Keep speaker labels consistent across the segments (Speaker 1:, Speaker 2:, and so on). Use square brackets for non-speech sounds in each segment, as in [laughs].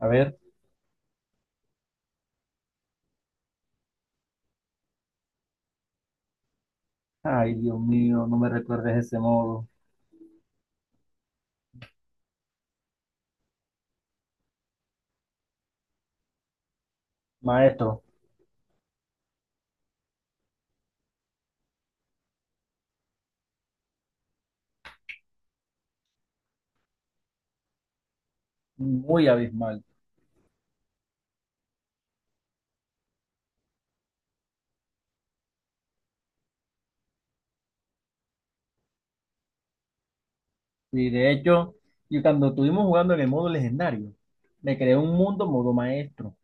Speaker 1: A ver, ay Dios mío, no me recuerdes de ese modo. Maestro, muy abismal. Y de hecho, cuando estuvimos jugando en el modo legendario, me creé un mundo modo maestro.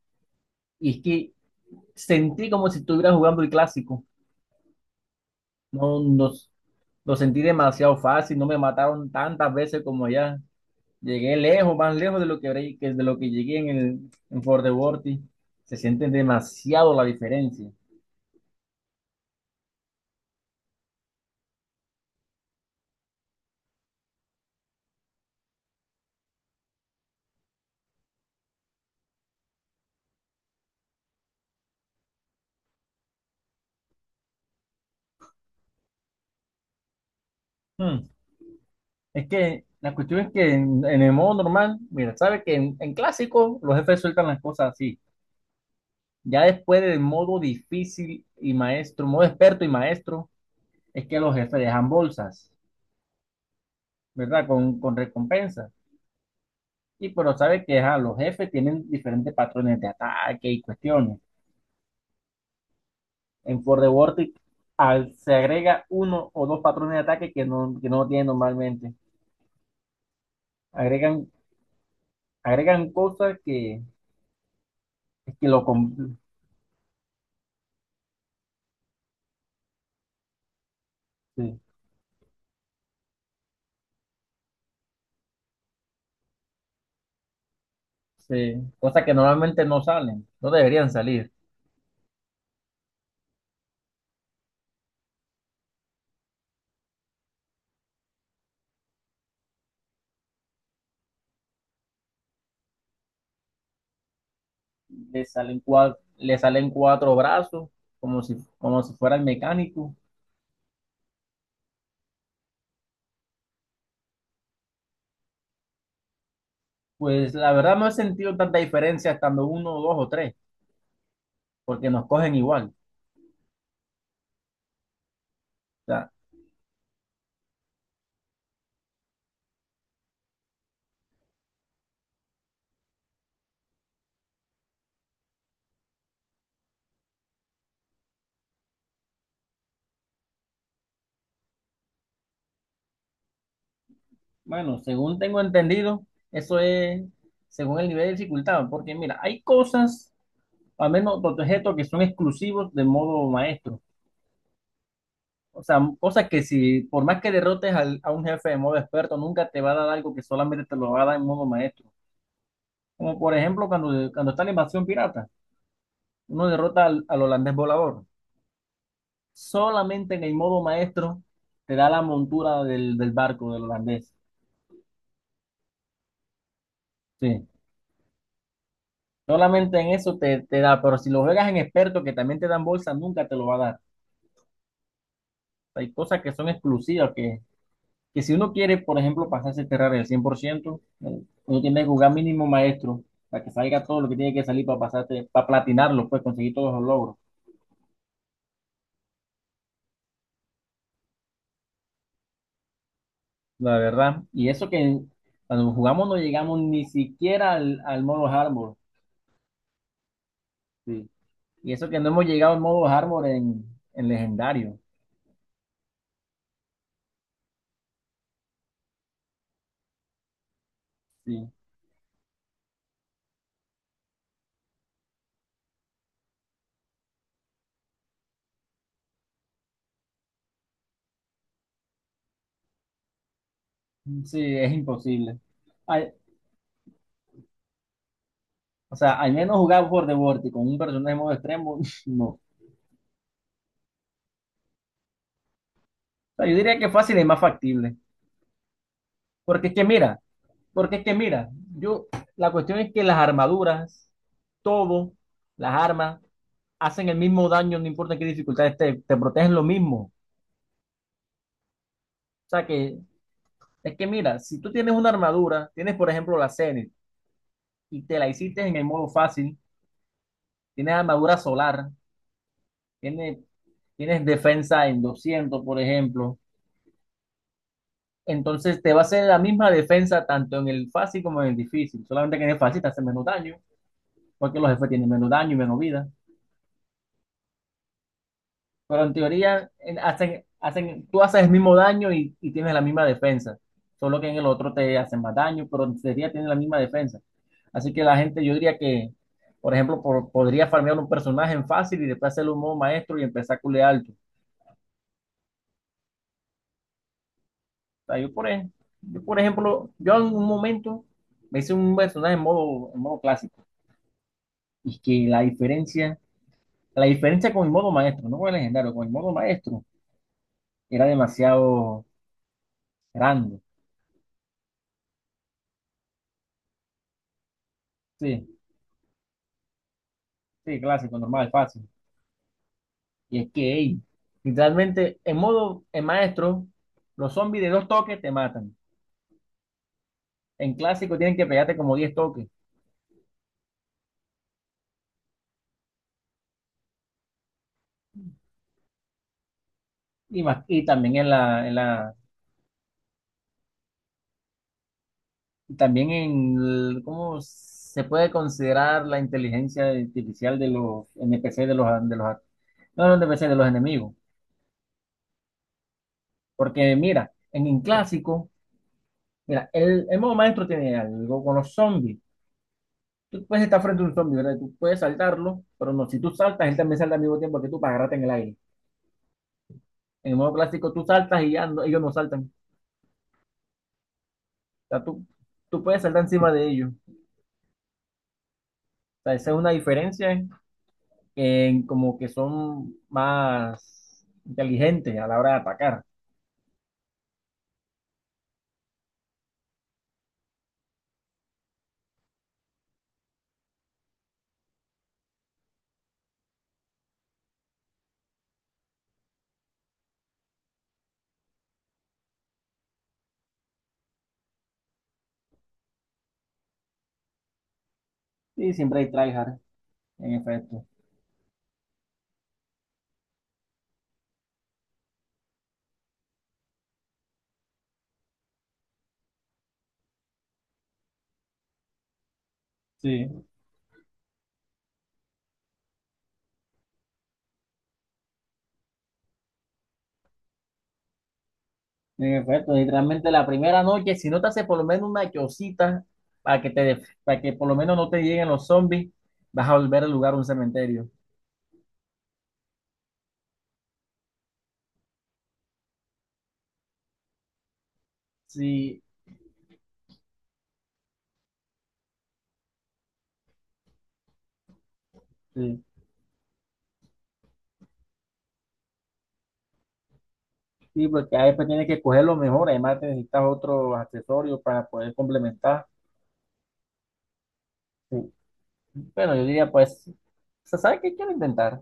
Speaker 1: Y es que sentí como si estuviera jugando el clásico. No, no, lo sentí demasiado fácil, no me mataron tantas veces como allá. Llegué lejos, más lejos de lo que, habré- que de lo que llegué en el en Fort de Worthy. Se siente demasiado la diferencia. Hmm. Es que la cuestión es que en el modo normal, mira, sabe que en clásico los jefes sueltan las cosas así. Ya después del modo difícil y maestro, modo experto y maestro, es que los jefes dejan bolsas, ¿verdad? Con recompensas. Y pero sabe que ajá, los jefes tienen diferentes patrones de ataque y cuestiones. En For the Vortex se agrega uno o dos patrones de ataque que no tienen normalmente. Agregan, agregan cosas que lo. Sí, sí. cosas que normalmente no salen, no deberían salir. Le salen cuatro brazos, como si fuera el mecánico. Pues la verdad no he sentido tanta diferencia estando uno, dos o tres, porque nos cogen igual. O sea, bueno, según tengo entendido, eso es según el nivel de dificultad, porque mira, hay cosas, al menos los objetos que son exclusivos de modo maestro. O sea, cosas que si, por más que derrotes a un jefe de modo experto, nunca te va a dar algo que solamente te lo va a dar en modo maestro. Como por ejemplo cuando está la invasión pirata, uno derrota al holandés volador. Solamente en el modo maestro te da la montura del barco del holandés. Sí. Solamente en eso te da, pero si lo juegas en experto, que también te dan bolsa, nunca te lo va a dar. Hay cosas que son exclusivas, que si uno quiere, por ejemplo, pasarse a Terraria al 100%, uno tiene que jugar mínimo maestro para que salga todo lo que tiene que salir para pasarte, para platinarlo, pues conseguir todos los logros. La verdad. Y eso que cuando jugamos no llegamos ni siquiera al modo hardcore. Sí. Y eso que no hemos llegado al modo hardcore en legendario. Sí. Sí, es imposible. Al- o sea, al menos jugar por the Vortex con un personaje en modo extremo, [laughs] no. O sea, yo diría que fácil es más factible. Porque es que mira, porque es que mira, yo, la cuestión es que las armaduras, todo, las armas, hacen el mismo daño, no importa qué dificultad esté, te protegen lo mismo. O sea que Es que mira, si tú tienes una armadura, tienes por ejemplo la Zenith y te la hiciste en el modo fácil, tienes armadura solar, tienes, tienes defensa en 200, por ejemplo, entonces te va a hacer la misma defensa tanto en el fácil como en el difícil, solamente que en el fácil te hace menos daño, porque los jefes tienen menos daño y menos vida, pero en teoría hacen, tú haces el mismo daño y tienes la misma defensa, solo que en el otro te hacen más daño, pero en teoría tienes la misma defensa. Así que la gente, yo diría que, por ejemplo, podría farmear un personaje en fácil y después hacerle un modo maestro y empezar a culear alto. O sea, yo, por ejemplo, yo en un momento me hice un personaje en modo, clásico. Y que la diferencia con el modo maestro, no con el legendario, con el modo maestro, era demasiado grande. Sí, sí, clásico, normal, fácil. Y es que, ey, literalmente, en modo en maestro, los zombies de dos toques te matan. En clásico tienen que pegarte como 10 toques. Y también en la, cómo se puede considerar la inteligencia artificial de los NPC de los, no, no NPC de los enemigos. Porque mira, en un clásico, mira, el modo maestro tiene algo con los zombies. Tú puedes estar frente a un zombie, ¿verdad? Tú puedes saltarlo, pero no, si tú saltas, él también salta al mismo tiempo que tú para agarrarte en el aire. En el modo clásico, tú saltas y ellos no saltan. O sea, tú puedes saltar encima de ellos. O sea, esa es una diferencia, como que son más inteligentes a la hora de atacar. Sí, siempre hay tryhard, en efecto. Sí. En efecto, y realmente la primera noche, si no te hace por lo menos una chocita para para que por lo menos no te lleguen los zombies, vas a volver al lugar un cementerio. Sí, sí, sí, porque a veces tienes que coger lo mejor, además te necesitas otros accesorios para poder complementar. Sí. Bueno, yo diría, pues, ¿se sabe qué quiero intentar?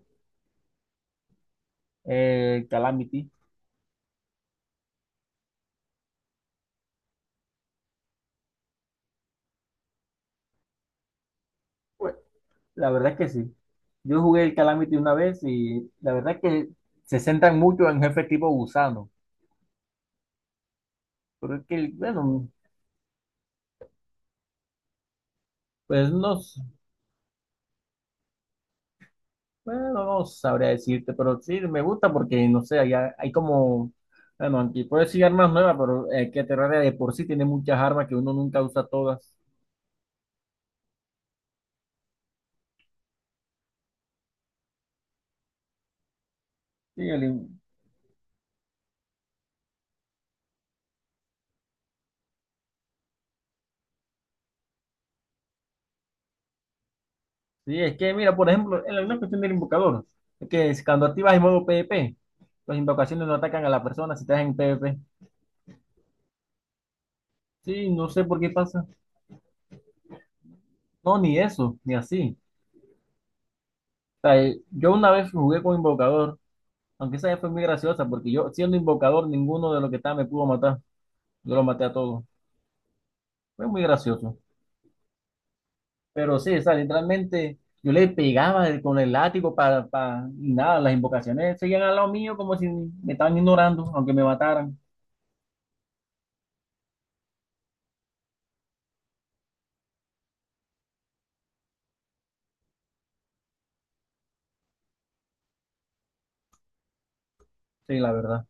Speaker 1: Calamity. La verdad es que sí. Yo jugué el Calamity una vez y la verdad es que se centran mucho en jefe tipo gusano. Pero es que, bueno, pues no, bueno, no sabría decirte, pero sí me gusta porque, no sé, hay como, bueno, aquí puedo decir armas nuevas, pero que Terraria de por sí tiene muchas armas que uno nunca usa todas. Sí, sí, es que, mira, por ejemplo, en una cuestión del invocador, es que es cuando activas el modo PvP, las invocaciones no atacan a la persona si estás en PvP. Sí, no sé por qué pasa. No, ni eso, ni así. O sea, yo una vez jugué con invocador, aunque esa vez fue muy graciosa, porque yo siendo invocador, ninguno de los que estaba me pudo matar. Yo lo maté a todos. Fue muy gracioso. Pero sí, o sea, literalmente yo le pegaba con el látigo para, y nada, las invocaciones seguían al lado mío como si me estaban ignorando, aunque me mataran. Sí, la verdad.